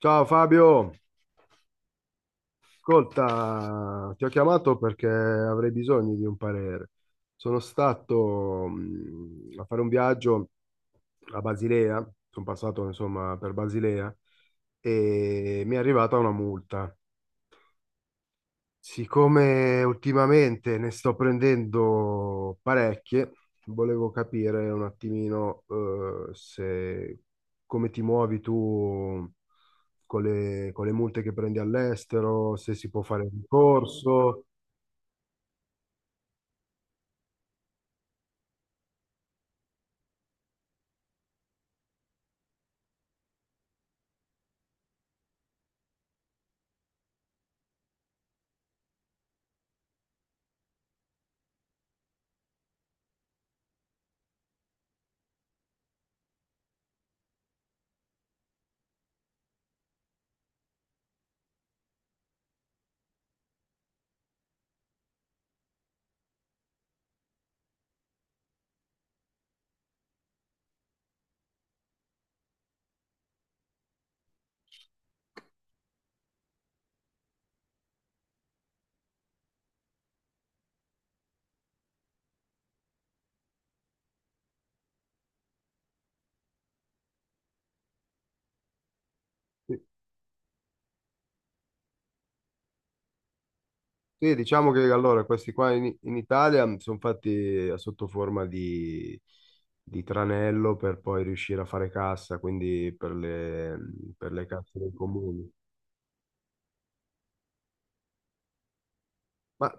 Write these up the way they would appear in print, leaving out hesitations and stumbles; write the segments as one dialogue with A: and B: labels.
A: Ciao Fabio, ascolta, ti ho chiamato perché avrei bisogno di un parere. Sono stato a fare un viaggio a Basilea, sono passato insomma per Basilea e mi è arrivata una multa. Siccome ultimamente ne sto prendendo parecchie, volevo capire un attimino se come ti muovi tu con con le multe che prendi all'estero, se si può fare ricorso. Sì, sì, diciamo che allora questi qua in Italia sono fatti a sotto forma di tranello per poi riuscire a fare cassa, quindi per per le casse dei comuni. Ma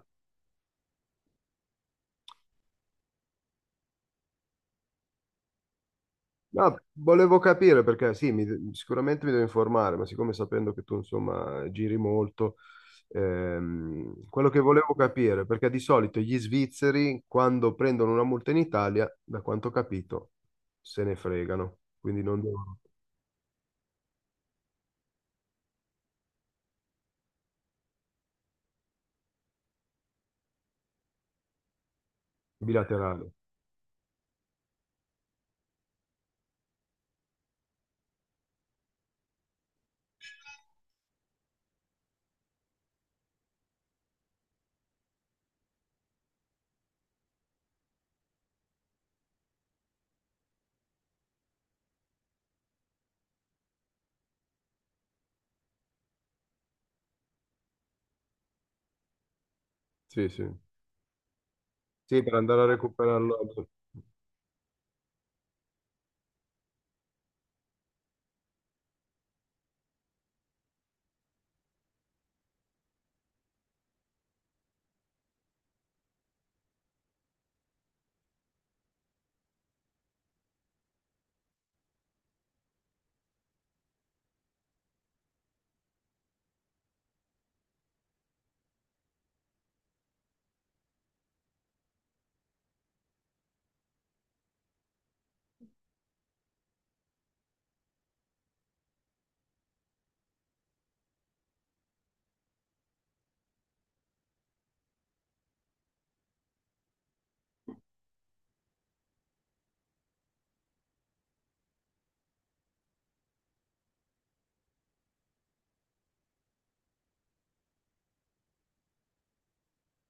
A: no, volevo capire perché sì, sicuramente mi devo informare, ma siccome sapendo che tu insomma giri molto, quello che volevo capire, perché di solito gli svizzeri quando prendono una multa in Italia, da quanto ho capito, se ne fregano, quindi non devono, bilaterale. Sì, sì. Sì, per andare a recuperarlo.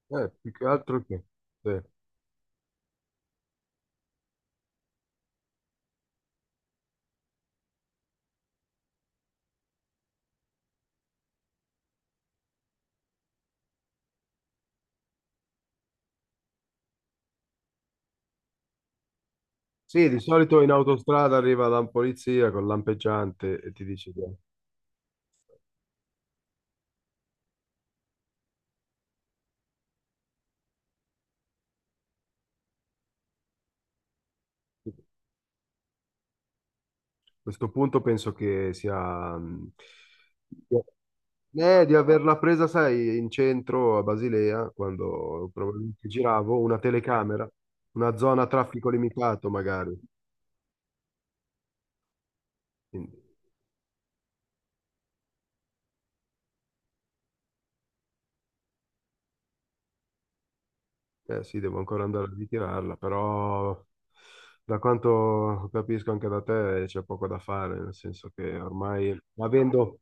A: Più che altro che... Sì. Sì, di solito in autostrada arriva la polizia con lampeggiante e ti dice... Questo punto penso che sia di averla presa, sai, in centro a Basilea, quando probabilmente giravo, una telecamera, una zona a traffico limitato magari. Quindi, eh sì, devo ancora andare a ritirarla, però da quanto capisco anche da te c'è poco da fare, nel senso che ormai avendo,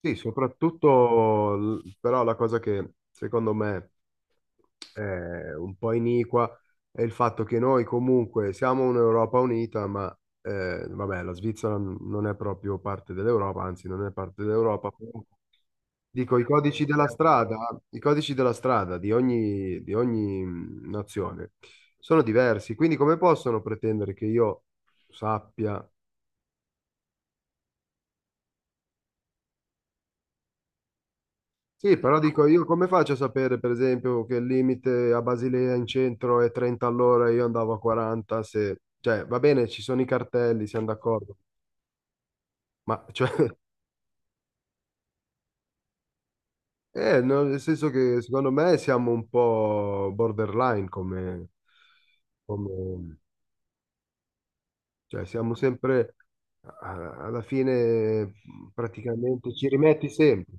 A: sì, soprattutto, però la cosa che secondo me un po' iniqua è il fatto che noi comunque siamo un'Europa unita, ma vabbè, la Svizzera non è proprio parte dell'Europa, anzi non è parte dell'Europa. Però dico, i codici della strada, i codici della strada di ogni nazione sono diversi, quindi come possono pretendere che io sappia. Sì, però dico io come faccio a sapere, per esempio, che il limite a Basilea in centro è 30 all'ora e io andavo a 40, se... Cioè, va bene, ci sono i cartelli, siamo d'accordo, ma cioè, no, nel senso che secondo me siamo un po' borderline come... come- cioè, siamo sempre, alla fine, praticamente, ci rimetti sempre.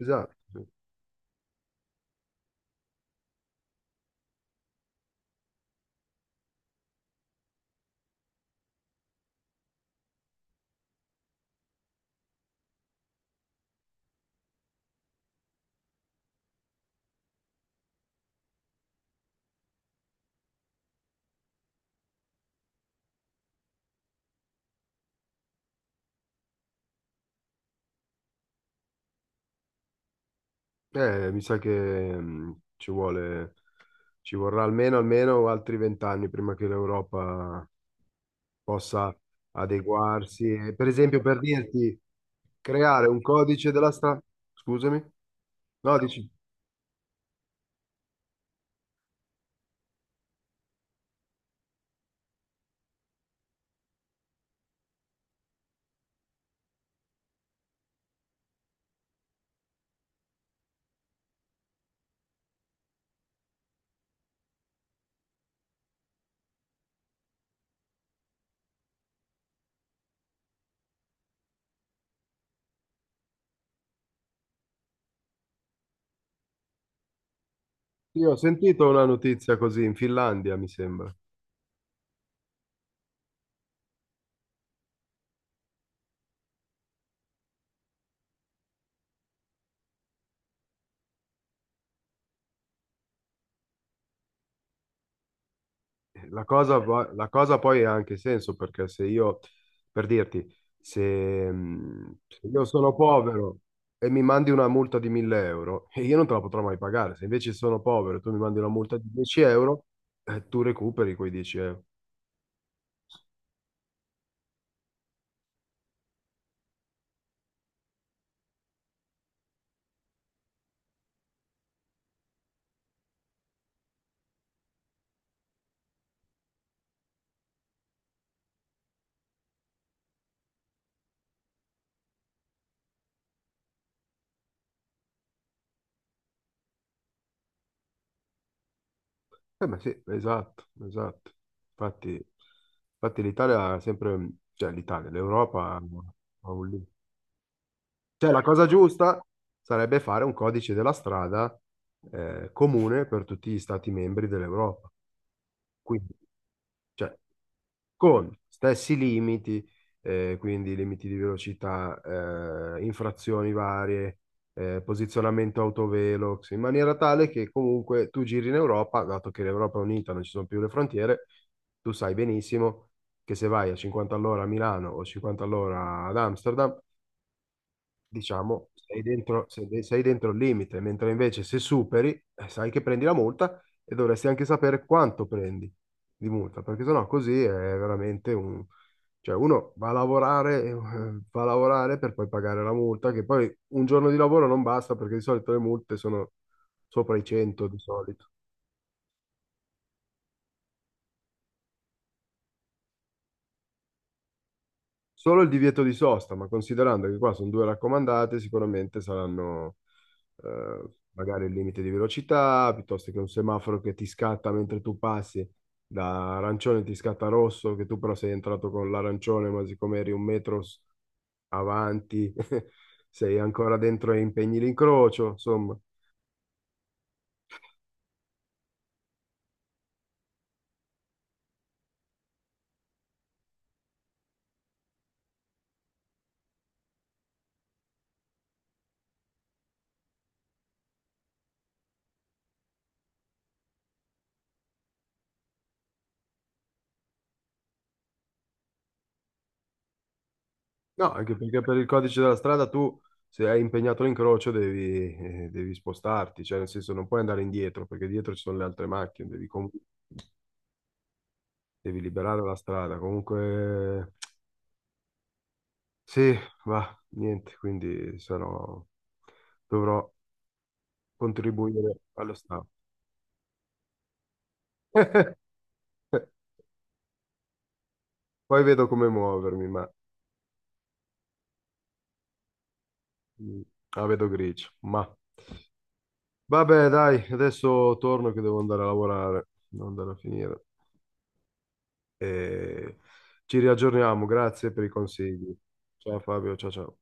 A: Esatto. Sì. Mi sa che ci vuole, ci vorrà almeno, almeno altri vent'anni prima che l'Europa possa adeguarsi. E, per esempio, per dirti, creare un codice della strada. Scusami? No, dici, io ho sentito una notizia così in Finlandia, mi sembra. La cosa, la cosa poi ha anche senso perché se io, per dirti, se, se io sono povero e mi mandi una multa di 1000 euro, e io non te la potrò mai pagare. Se invece sono povero e tu mi mandi una multa di 10 euro, tu recuperi quei 10 euro. Ma sì, esatto, esatto. Infatti, infatti l'Italia ha sempre, cioè l'Italia, l'Europa ha un limite. Cioè, la cosa giusta sarebbe fare un codice della strada comune per tutti gli stati membri dell'Europa. Quindi, cioè, con stessi limiti, quindi limiti di velocità, infrazioni varie, posizionamento autovelox, in maniera tale che comunque tu giri in Europa, dato che l'Europa è unita, non ci sono più le frontiere, tu sai benissimo che se vai a 50 all'ora a Milano o 50 all'ora ad Amsterdam, diciamo, sei dentro, sei dentro il limite, mentre invece se superi, sai che prendi la multa e dovresti anche sapere quanto prendi di multa, perché sennò così è veramente un... Cioè uno va a lavorare per poi pagare la multa, che poi un giorno di lavoro non basta perché di solito le multe sono sopra i 100 di solito. Solo il divieto di sosta, ma considerando che qua sono due raccomandate, sicuramente saranno magari il limite di velocità, piuttosto che un semaforo che ti scatta mentre tu passi da arancione ti scatta rosso, che tu però sei entrato con l'arancione, ma siccome eri un metro avanti, sei ancora dentro e impegni l'incrocio, insomma. No, anche perché per il codice della strada tu, se hai impegnato l'incrocio, devi, devi spostarti, cioè nel senso non puoi andare indietro, perché dietro ci sono le altre macchine, devi comunque devi liberare la strada. Comunque, sì, va, niente, quindi sarò, dovrò contribuire allo Stato. Eh, Poi vedo come muovermi, ma mm, la vedo grigio. Ma vabbè, dai, adesso torno che devo andare a lavorare, devo andare a finire. E ci riaggiorniamo, grazie per i consigli. Ciao Fabio, ciao ciao.